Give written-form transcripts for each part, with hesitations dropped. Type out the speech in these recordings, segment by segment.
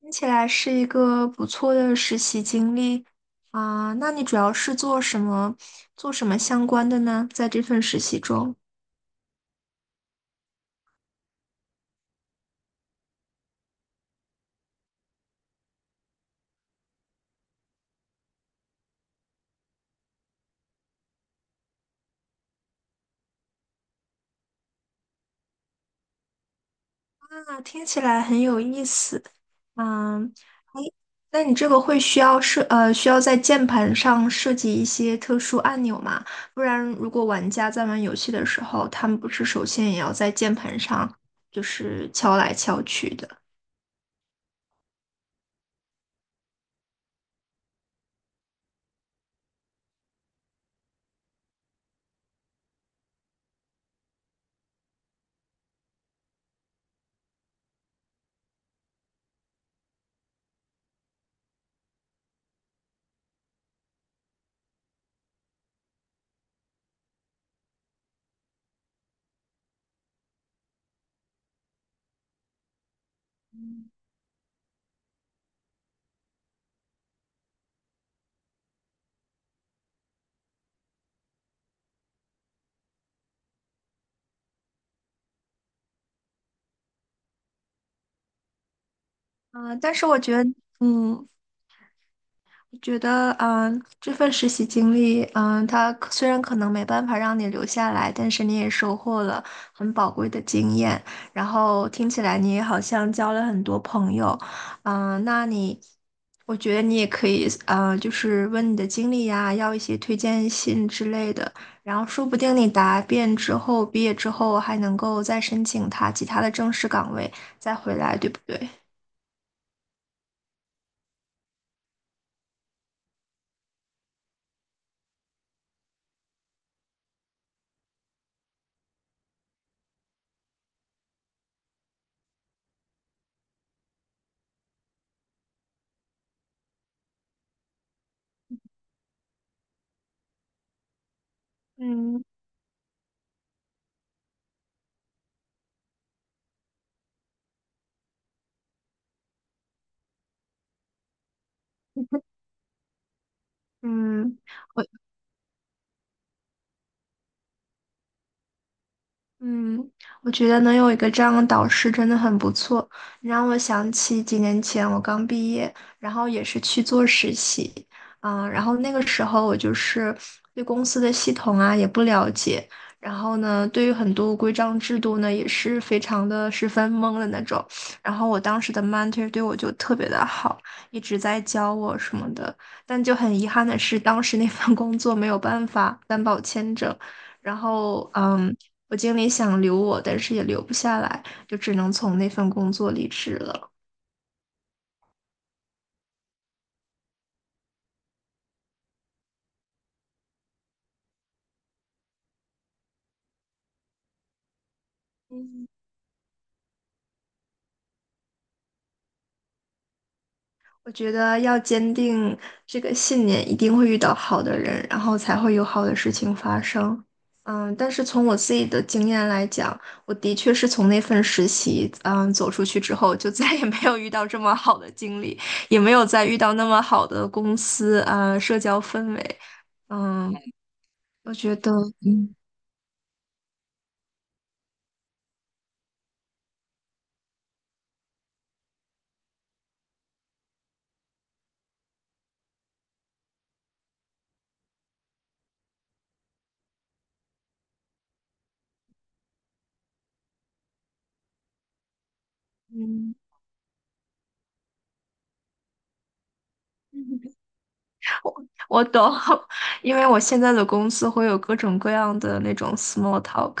听起来是一个不错的实习经历。啊，那你主要是做什么，做什么相关的呢？在这份实习中，那听起来很有意思。嗯，哎,那你这个会需要设，需要在键盘上设计一些特殊按钮吗？不然，如果玩家在玩游戏的时候，他们不是首先也要在键盘上就是敲来敲去的。啊、但是我觉得，嗯。觉得，这份实习经历，它可虽然可能没办法让你留下来，但是你也收获了很宝贵的经验。然后听起来你也好像交了很多朋友，嗯，那你，我觉得你也可以，就是问你的经历呀，要一些推荐信之类的。然后说不定你答辩之后，毕业之后还能够再申请他其他的正式岗位，再回来，对不对？嗯。嗯，我嗯，我觉得能有一个这样的导师真的很不错。你让我想起几年前我刚毕业，然后也是去做实习，然后那个时候我就是对公司的系统啊也不了解，然后呢，对于很多规章制度呢也是非常的十分懵的那种。然后我当时的 mentor 对我就特别的好，一直在教我什么的，但就很遗憾的是，当时那份工作没有办法担保签证。然后，嗯，我经理想留我，但是也留不下来，就只能从那份工作离职了。嗯，我觉得要坚定这个信念，一定会遇到好的人，然后才会有好的事情发生。嗯，但是从我自己的经验来讲，我的确是从那份实习，走出去之后，就再也没有遇到这么好的经理，也没有再遇到那么好的公司啊，社交氛围。嗯，我觉得，嗯。我我懂，因为我现在的公司会有各种各样的那种 small talk,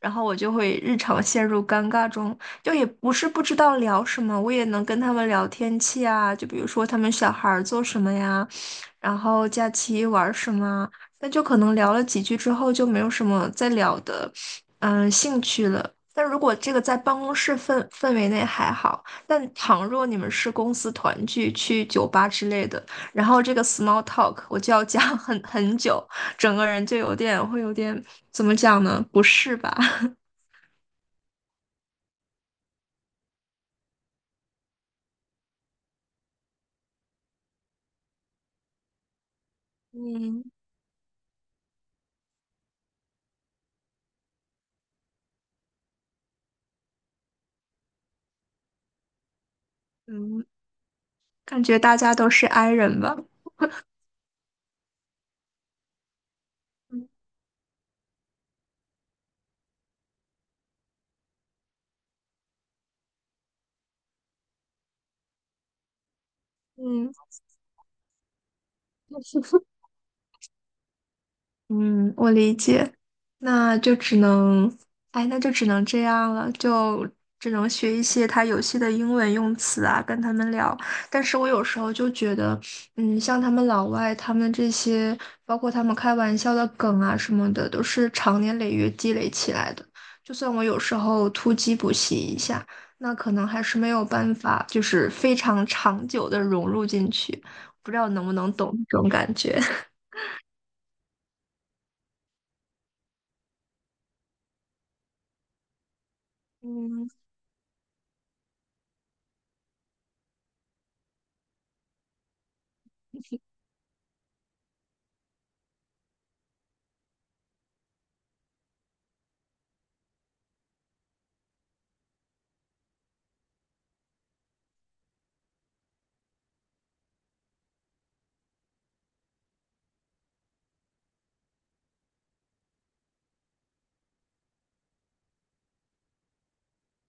然后我就会日常陷入尴尬中，就也不是不知道聊什么，我也能跟他们聊天气啊，就比如说他们小孩儿做什么呀，然后假期玩儿什么啊那就可能聊了几句之后就没有什么再聊的，兴趣了。但如果这个在办公室氛围内还好，但倘若你们是公司团聚，去酒吧之类的。然后这个 small talk 我就要讲很久，整个人就有点会有点怎么讲呢？不适吧？嗯。嗯，感觉大家都是 i 人吧？嗯。嗯。 嗯，我理解，那就只能，哎，那就只能这样了，就只能学一些他游戏的英文用词啊，跟他们聊。但是我有时候就觉得，嗯，像他们老外，他们这些，包括他们开玩笑的梗啊什么的，都是长年累月积累起来的。就算我有时候突击补习一下，那可能还是没有办法，就是非常长久的融入进去。不知道能不能懂这种感觉。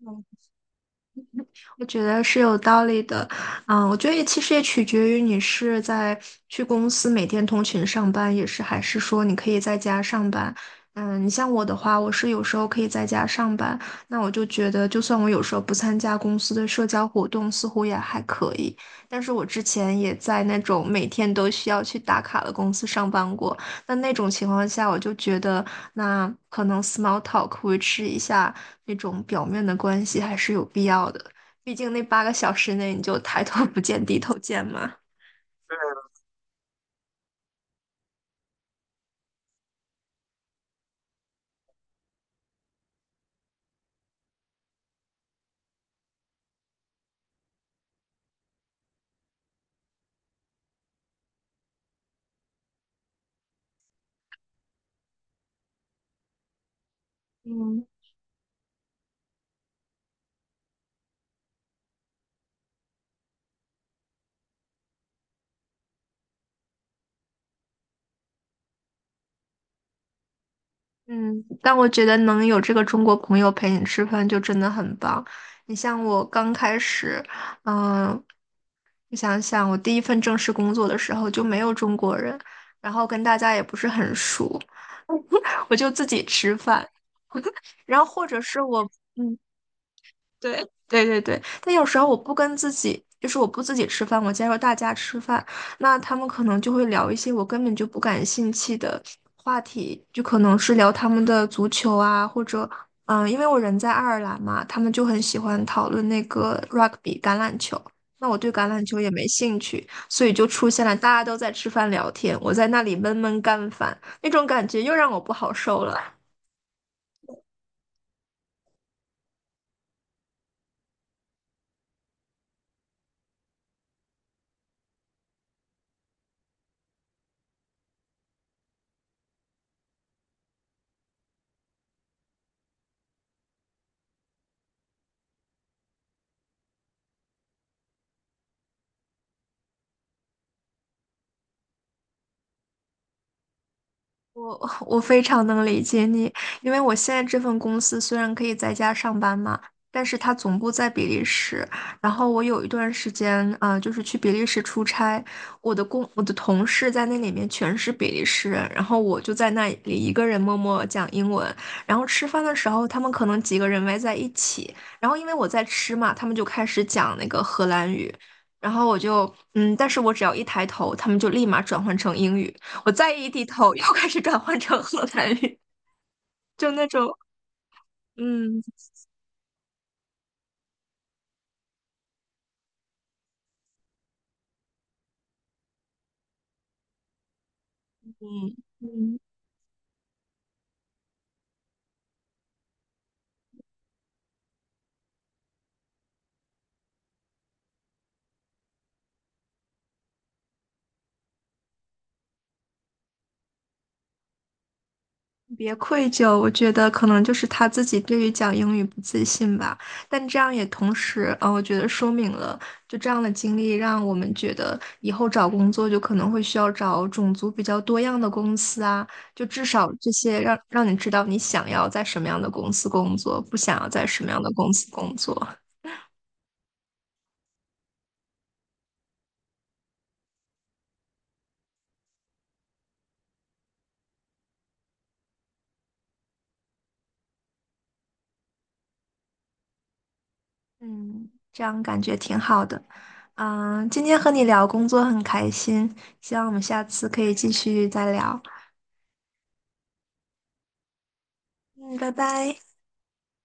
嗯，我觉得是有道理的，嗯，我觉得也其实也取决于你是在去公司每天通勤上班，也是还是说你可以在家上班。嗯，你像我的话，我是有时候可以在家上班，那我就觉得，就算我有时候不参加公司的社交活动，似乎也还可以。但是我之前也在那种每天都需要去打卡的公司上班过，那那种情况下，我就觉得那可能 small talk 维持一下那种表面的关系还是有必要的。毕竟那八个小时内你就抬头不见低头见嘛。嗯，但我觉得能有这个中国朋友陪你吃饭就真的很棒。你像我刚开始，嗯，我想想，我第一份正式工作的时候就没有中国人，然后跟大家也不是很熟，我就自己吃饭，然后或者是我，嗯，对对对对，但有时候我不跟自己，就是我不自己吃饭，我加入大家吃饭，那他们可能就会聊一些我根本就不感兴趣的话题，就可能是聊他们的足球啊，或者嗯，因为我人在爱尔兰嘛，他们就很喜欢讨论那个 rugby 橄榄球，那我对橄榄球也没兴趣，所以就出现了大家都在吃饭聊天，我在那里闷闷干饭，那种感觉又让我不好受了。我 我非常能理解你，因为我现在这份公司虽然可以在家上班嘛，但是它总部在比利时。然后我有一段时间，啊，就是去比利时出差，我的同事在那里面全是比利时人，然后我就在那里一个人默默讲英文。然后吃饭的时候，他们可能几个人围在一起，然后因为我在吃嘛，他们就开始讲那个荷兰语，然后我就嗯，但是我只要一抬头，他们就立马转换成英语。我再一低头 又开始转换成荷兰语，就那种。嗯嗯嗯，别愧疚。我觉得可能就是他自己对于讲英语不自信吧，但这样也同时，我觉得说明了就这样的经历，让我们觉得以后找工作就可能会需要找种族比较多样的公司啊，就至少这些让你知道你想要在什么样的公司工作，不想要在什么样的公司工作。嗯，这样感觉挺好的。嗯，今天和你聊工作很开心，希望我们下次可以继续再聊。嗯，拜拜。